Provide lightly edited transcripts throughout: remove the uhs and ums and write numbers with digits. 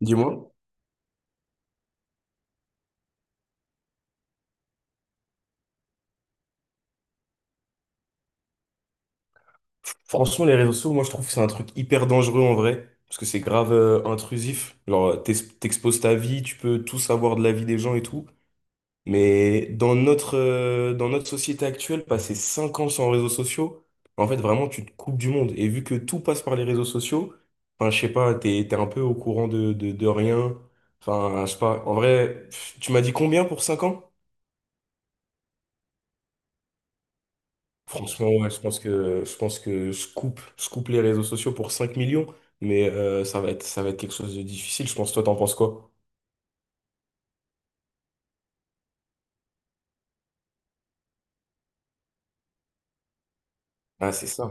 Dis-moi. Franchement, les réseaux sociaux, moi, je trouve que c'est un truc hyper dangereux en vrai, parce que c'est grave intrusif. Genre, t'exposes ta vie, tu peux tout savoir de la vie des gens et tout. Mais dans notre société actuelle, passer 5 ans sans réseaux sociaux, en fait, vraiment, tu te coupes du monde. Et vu que tout passe par les réseaux sociaux, enfin, je sais pas, t'es un peu au courant de rien. Enfin, je sais pas. En vrai, pff, tu m'as dit combien pour 5 ans? Franchement, ouais, je pense que je coupe les réseaux sociaux pour 5 millions, mais ça va être quelque chose de difficile. Je pense, toi, t'en penses quoi? Ah, c'est ça.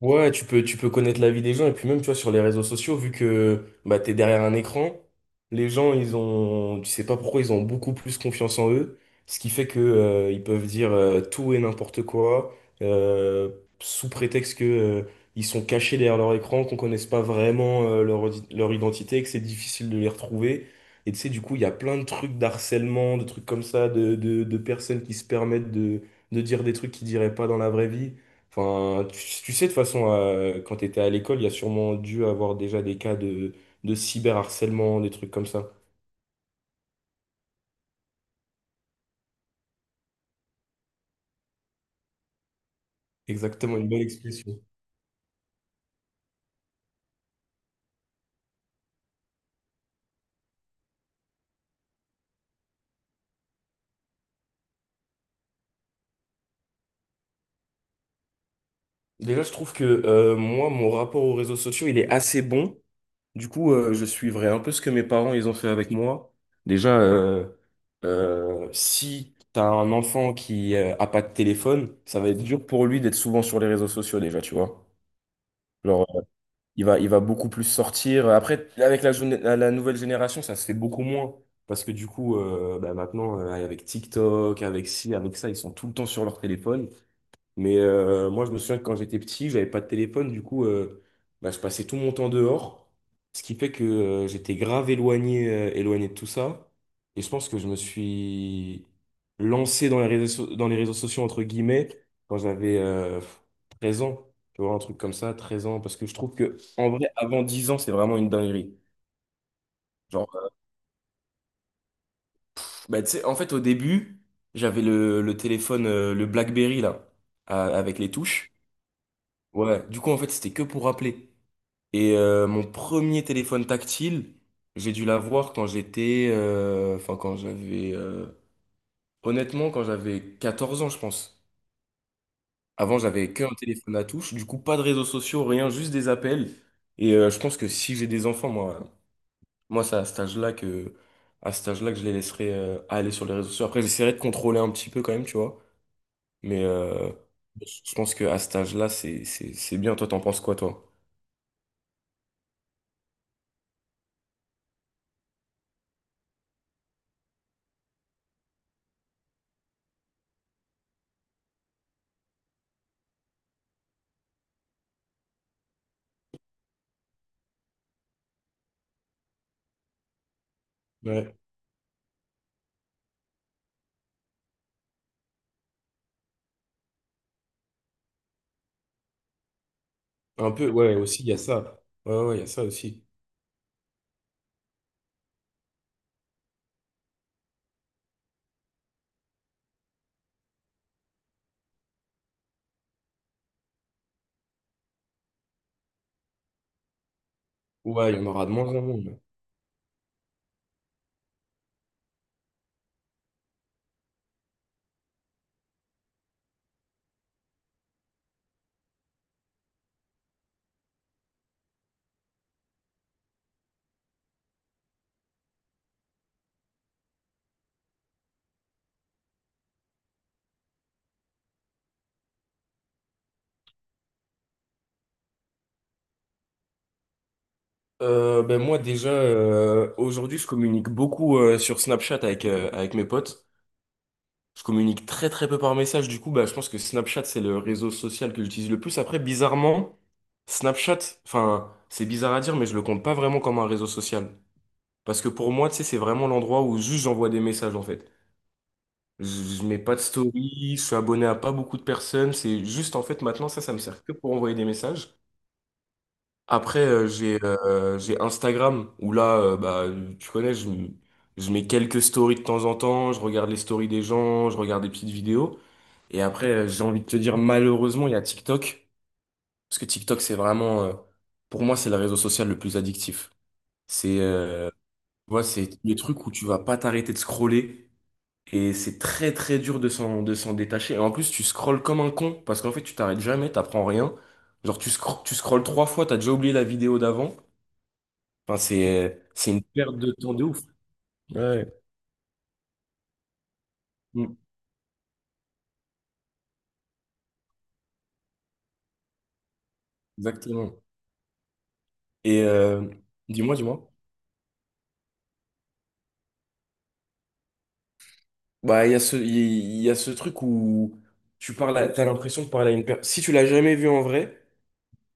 Ouais, tu peux connaître la vie des gens et puis même, tu vois, sur les réseaux sociaux, vu que bah, t'es derrière un écran, les gens, ils ont, tu sais pas pourquoi, ils ont beaucoup plus confiance en eux, ce qui fait que ils peuvent dire tout et n'importe quoi, euh, sous prétexte que ils sont cachés derrière leur écran, qu'on connaisse pas vraiment leur, leur identité, que c'est difficile de les retrouver. Et tu sais, du coup, il y a plein de trucs d'harcèlement, de trucs comme ça, de personnes qui se permettent de dire des trucs qu'ils diraient pas dans la vraie vie. Enfin, tu sais, de toute façon, quand tu étais à l'école, il y a sûrement dû avoir déjà des cas de cyberharcèlement, des trucs comme ça. Exactement, une bonne expression. Déjà, je trouve que moi, mon rapport aux réseaux sociaux, il est assez bon. Du coup, je suivrai un peu ce que mes parents, ils ont fait avec moi. Déjà, si tu as un enfant qui a pas de téléphone, ça va être dur pour lui d'être souvent sur les réseaux sociaux déjà, tu vois. Genre, il va beaucoup plus sortir. Après, avec la, jeune- la la nouvelle génération, ça se fait beaucoup moins. Parce que du coup, bah, maintenant, avec TikTok, avec ci, avec ça, ils sont tout le temps sur leur téléphone. Mais moi, je me souviens que quand j'étais petit, j'avais pas de téléphone, du coup, bah, je passais tout mon temps dehors, ce qui fait que j'étais grave éloigné, de tout ça. Et je pense que je me suis lancé dans les réseaux sociaux, entre guillemets, quand j'avais 13 ans, tu vois, un truc comme ça, 13 ans, parce que je trouve que, en vrai, avant 10 ans, c'est vraiment une dinguerie. Genre, bah, tu sais, en fait, au début, j'avais le téléphone, le BlackBerry, là, avec les touches. Ouais, du coup, en fait, c'était que pour appeler. Et mon premier téléphone tactile, j'ai dû l'avoir quand j'étais, enfin, quand j'avais, honnêtement, quand j'avais 14 ans, je pense. Avant, j'avais qu'un téléphone à touche. Du coup, pas de réseaux sociaux, rien, juste des appels. Et je pense que si j'ai des enfants, moi, moi c'est à cet âge-là que je les laisserai aller sur les réseaux sociaux. Après, j'essaierai de contrôler un petit peu quand même, tu vois. Mais je pense qu'à cet âge-là, c'est bien. Toi, t'en penses quoi, toi? Ouais. Un peu, ouais, aussi, il y a ça. Ouais, ouais, il y a ça aussi. Ouais, il y en aura de moins en moins. Ben moi, déjà, aujourd'hui, je communique beaucoup sur Snapchat avec mes potes. Je communique très, très peu par message. Du coup, bah, je pense que Snapchat, c'est le réseau social que j'utilise le plus. Après, bizarrement, Snapchat, enfin, c'est bizarre à dire, mais je le compte pas vraiment comme un réseau social. Parce que pour moi, tu sais, c'est vraiment l'endroit où juste j'envoie des messages, en fait. Je mets pas de story, je suis abonné à pas beaucoup de personnes. C'est juste, en fait, maintenant, ça me sert que pour envoyer des messages. Après, j'ai Instagram où là, bah, tu connais, je mets quelques stories de temps en temps, je regarde les stories des gens, je regarde des petites vidéos. Et après, j'ai envie de te dire, malheureusement, il y a TikTok. Parce que TikTok, c'est vraiment, pour moi, c'est le réseau social le plus addictif. C'est, tu vois, c'est les trucs où tu vas pas t'arrêter de scroller. Et c'est très, très dur de s'en détacher. Et en plus, tu scrolles comme un con. Parce qu'en fait, tu t'arrêtes jamais, t'apprends rien. Genre, tu scrolles trois fois, t'as déjà oublié la vidéo d'avant. Enfin, c'est une perte de temps de ouf. Ouais. Mm. Exactement. Et dis-moi, dis-moi. Bah, il y a ce, il y, a ce truc où tu parles t'as l'impression de parler à une personne. Si tu l'as jamais vu en vrai,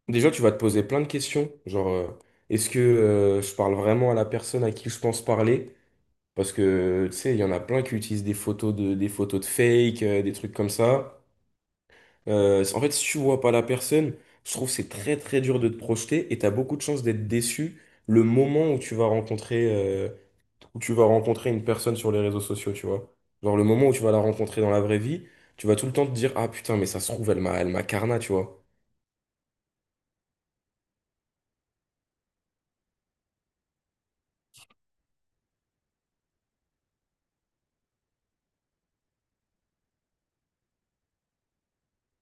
déjà, tu vas te poser plein de questions. Genre, est-ce que je parle vraiment à la personne à qui je pense parler? Parce que, tu sais, il y en a plein qui utilisent des photos de fake, des trucs comme ça. En fait, si tu vois pas la personne, je trouve que c'est très très dur de te projeter et tu as beaucoup de chances d'être déçu le moment où tu vas rencontrer une personne sur les réseaux sociaux, tu vois. Genre le moment où tu vas la rencontrer dans la vraie vie, tu vas tout le temps te dire ah putain mais ça se trouve elle m'a carna, tu vois.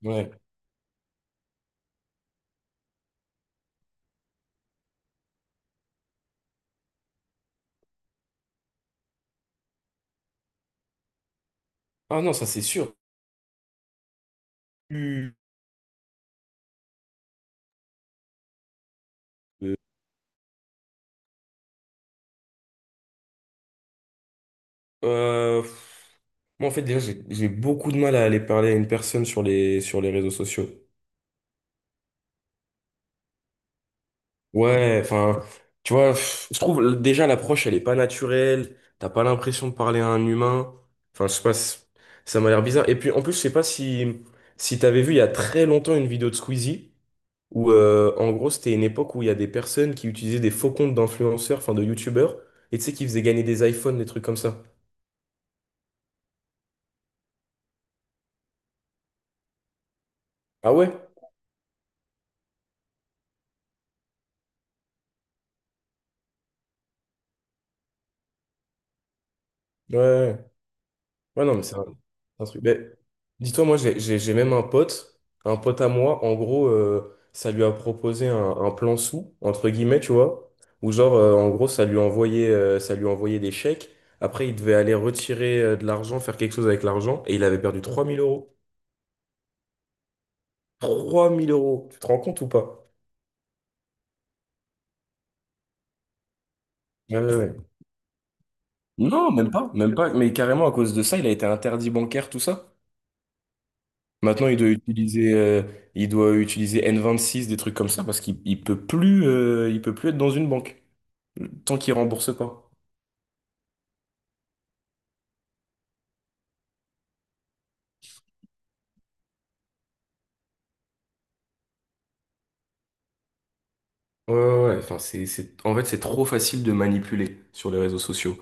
Ouais. Ah non, ça c'est sûr. Tu- pff, moi en fait déjà j'ai beaucoup de mal à aller parler à une personne sur les réseaux sociaux. Ouais, enfin, tu vois, pff, je trouve déjà l'approche, elle est pas naturelle. T'as pas l'impression de parler à un humain. Enfin, je sais pas, ça m'a l'air bizarre. Et puis, en plus, je sais pas si t'avais vu il y a très longtemps une vidéo de Squeezie où, en gros, c'était une époque où il y a des personnes qui utilisaient des faux comptes d'influenceurs, enfin de youtubeurs, et tu sais, qui faisaient gagner des iPhones, des trucs comme ça. Ah ouais? Ouais, ouais, ouais. Ouais, non, mais c'est un truc. Mais dis-toi, moi, j'ai même un pote à moi, en gros, ça lui a proposé un plan sous, entre guillemets, tu vois, où genre, en gros, ça lui envoyait des chèques. Après, il devait aller retirer de l'argent, faire quelque chose avec l'argent, et il avait perdu 3 000 euros. 3 000 euros, tu te rends compte ou pas? Ouais, ouais, ouais. Non, même pas, même pas. Mais carrément, à cause de ça, il a été interdit bancaire, tout ça. Maintenant, il doit utiliser N26, des trucs comme ça, parce qu'il il peut plus être dans une banque tant qu'il rembourse pas. Ouais, ouais, ouais. Enfin, en fait, c'est trop facile de manipuler sur les réseaux sociaux.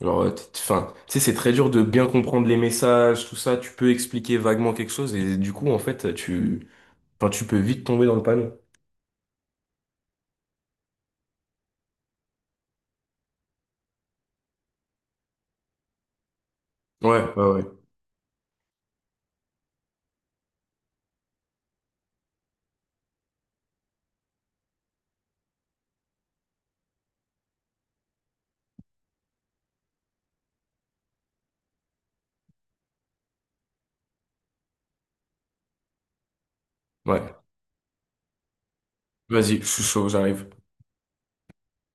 Alors, enfin, tu sais, c'est très dur de bien comprendre les messages, tout ça. Tu peux expliquer vaguement quelque chose et du coup, en fait, enfin, tu peux vite tomber dans le panneau. Ouais, ouais, ouais. Ouais. Vas-y, je suis chaud, j'arrive.